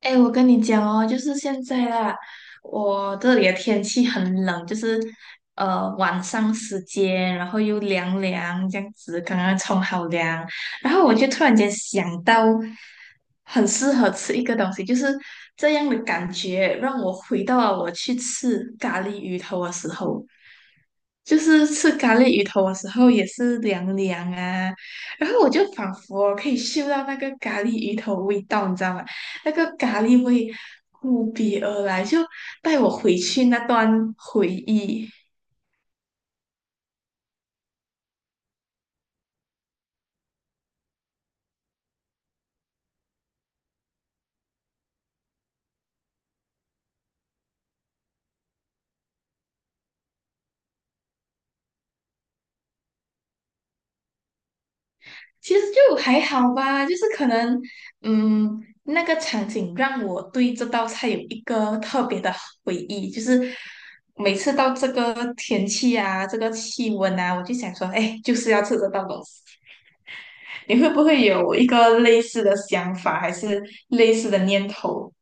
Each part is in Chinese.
哎，我跟你讲哦，就是现在啦，我这里的天气很冷，就是晚上时间，然后又凉凉这样子，刚刚冲好凉，然后我就突然间想到，很适合吃一个东西，就是这样的感觉，让我回到了我去吃咖喱鱼头的时候，就是吃咖喱鱼头的时候也是凉凉啊，然后我就仿佛可以嗅到那个咖喱鱼头味道，你知道吗？那个咖喱味扑鼻而来，就带我回去那段回忆。其实就还好吧，就是可能，嗯，那个场景让我对这道菜有一个特别的回忆，就是每次到这个天气啊，这个气温啊，我就想说，哎，就是要吃这道东西。你会不会有一个类似的想法，还是类似的念头？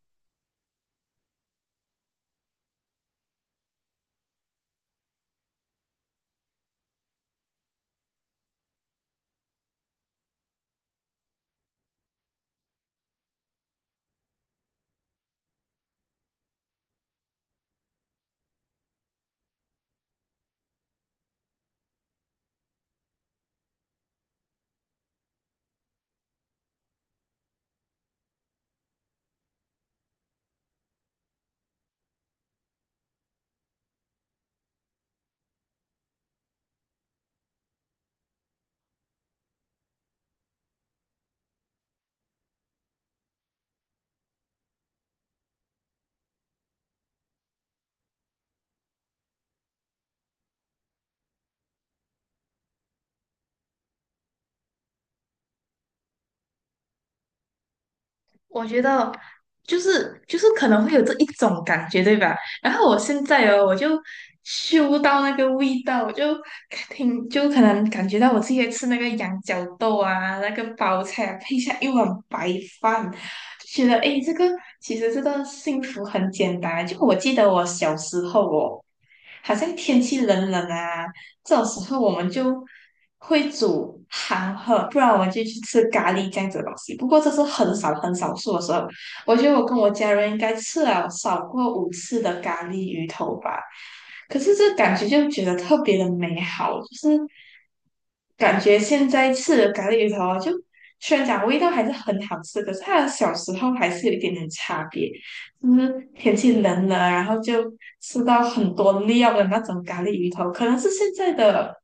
我觉得就是可能会有这一种感觉，对吧？然后我现在哦，我就嗅到那个味道，我就听就可能感觉到我自己在吃那个羊角豆啊，那个包菜啊配下一碗白饭，就觉得诶，这个其实这个幸福很简单。就我记得我小时候哦，好像天气冷冷啊。这种时候我们就会煮韩喝，不然我们就去吃咖喱这样子的东西。不过这是很少很少数的时候，我觉得我跟我家人应该吃了少过5次的咖喱鱼头吧。可是这感觉就觉得特别的美好，就是感觉现在吃的咖喱鱼头啊就虽然讲味道还是很好吃，可是它的小时候还是有一点点差别。就是天气冷了，然后就吃到很多料的那种咖喱鱼头，可能是现在的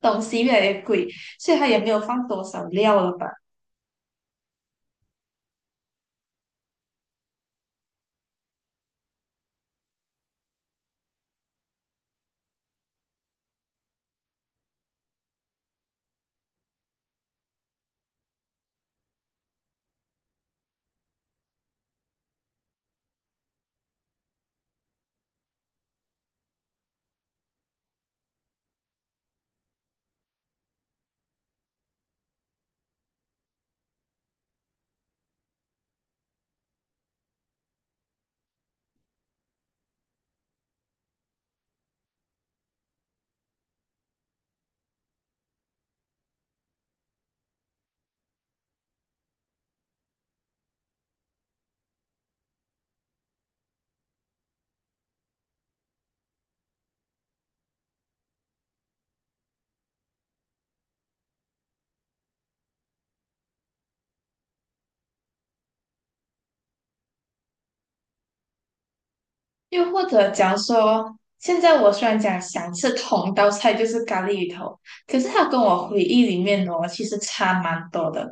东西越来越贵，所以它也没有放多少料了吧？又或者假如说，现在我虽然讲想吃同道菜就是咖喱鱼头，可是它跟我回忆里面哦，其实差蛮多的。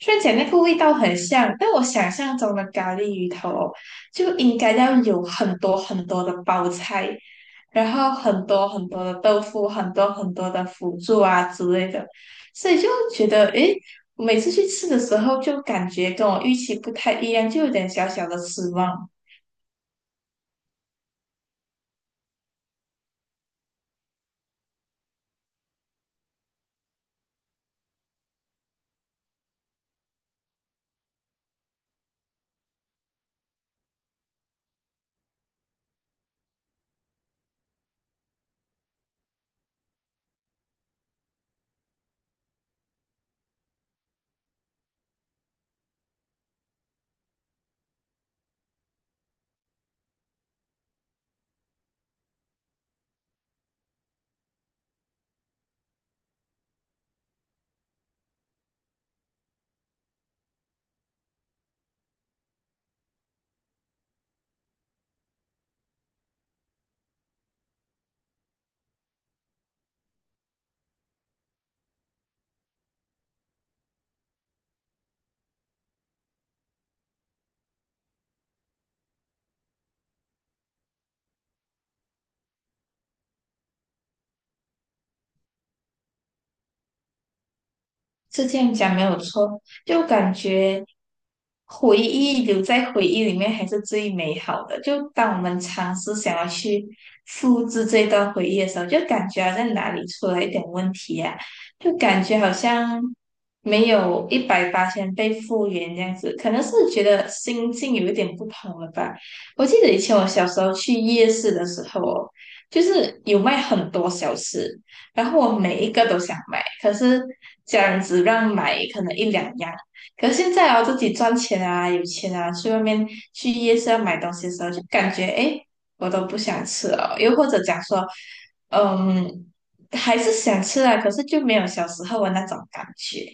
虽然讲那个味道很像，但我想象中的咖喱鱼头哦就应该要有很多很多的包菜。然后很多很多的豆腐，很多很多的辅助啊之类的，所以就觉得，诶，我每次去吃的时候就感觉跟我预期不太一样，就有点小小的失望。是这样讲没有错，就感觉回忆留在回忆里面还是最美好的。就当我们尝试想要去复制这段回忆的时候，就感觉好像哪里出了一点问题啊，就感觉好像没有一百八千被复原这样子，可能是觉得心境有一点不同了吧。我记得以前我小时候去夜市的时候哦，就是有卖很多小吃。然后我每一个都想买，可是家人只让买可能一两样。可是现在啊，自己赚钱啊，有钱啊，去外面去夜市要买东西的时候，就感觉诶，我都不想吃了。又或者讲说，嗯，还是想吃啊，可是就没有小时候的那种感觉。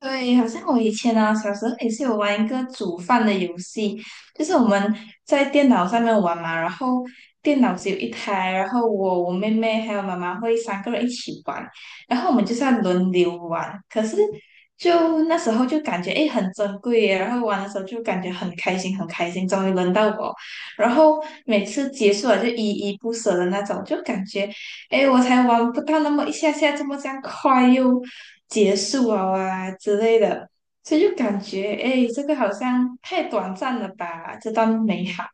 对，好像我以前啊，小时候也是有玩一个煮饭的游戏，就是我们在电脑上面玩嘛，然后电脑只有一台，然后我、我妹妹还有妈妈会3个人一起玩，然后我们就是要轮流玩。可是就那时候就感觉诶很珍贵耶，然后玩的时候就感觉很开心很开心，终于轮到我，然后每次结束了就依依不舍的那种，就感觉哎，我才玩不到那么一下下，这么这样快又结束了啊之类的，所以就感觉哎，这个好像太短暂了吧，这段美好。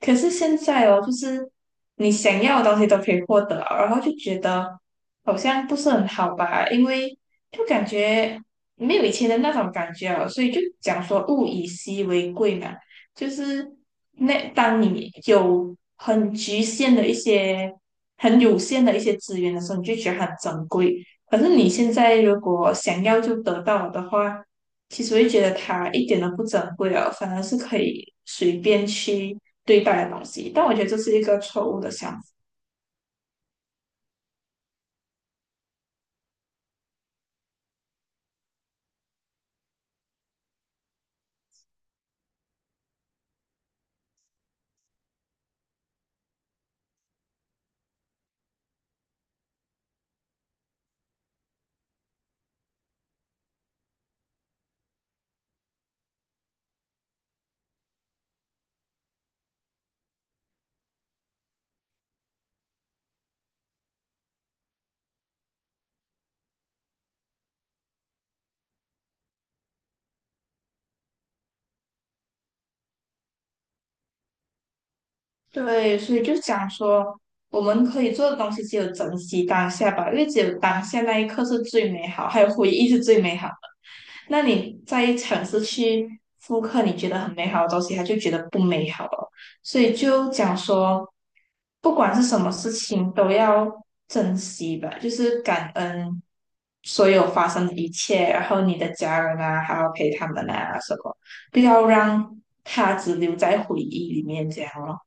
可是现在哦，就是你想要的东西都可以获得，然后就觉得好像不是很好吧，因为就感觉没有以前的那种感觉了，所以就讲说物以稀为贵嘛。就是那当你有很局限的一些、很有限的一些资源的时候，你就觉得它很珍贵。可是你现在如果想要就得到的话，其实会觉得它一点都不珍贵了，反而是可以随便去对待的东西。但我觉得这是一个错误的想法。对，所以就讲说，我们可以做的东西只有珍惜当下吧，因为只有当下那一刻是最美好，还有回忆是最美好。那你再尝试去复刻你觉得很美好的东西，他就觉得不美好了。所以就讲说，不管是什么事情都要珍惜吧，就是感恩所有发生的一切，然后你的家人啊，还要陪他们啊什么，不要让它只留在回忆里面这样咯。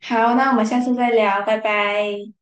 好，那我们下次再聊，拜拜。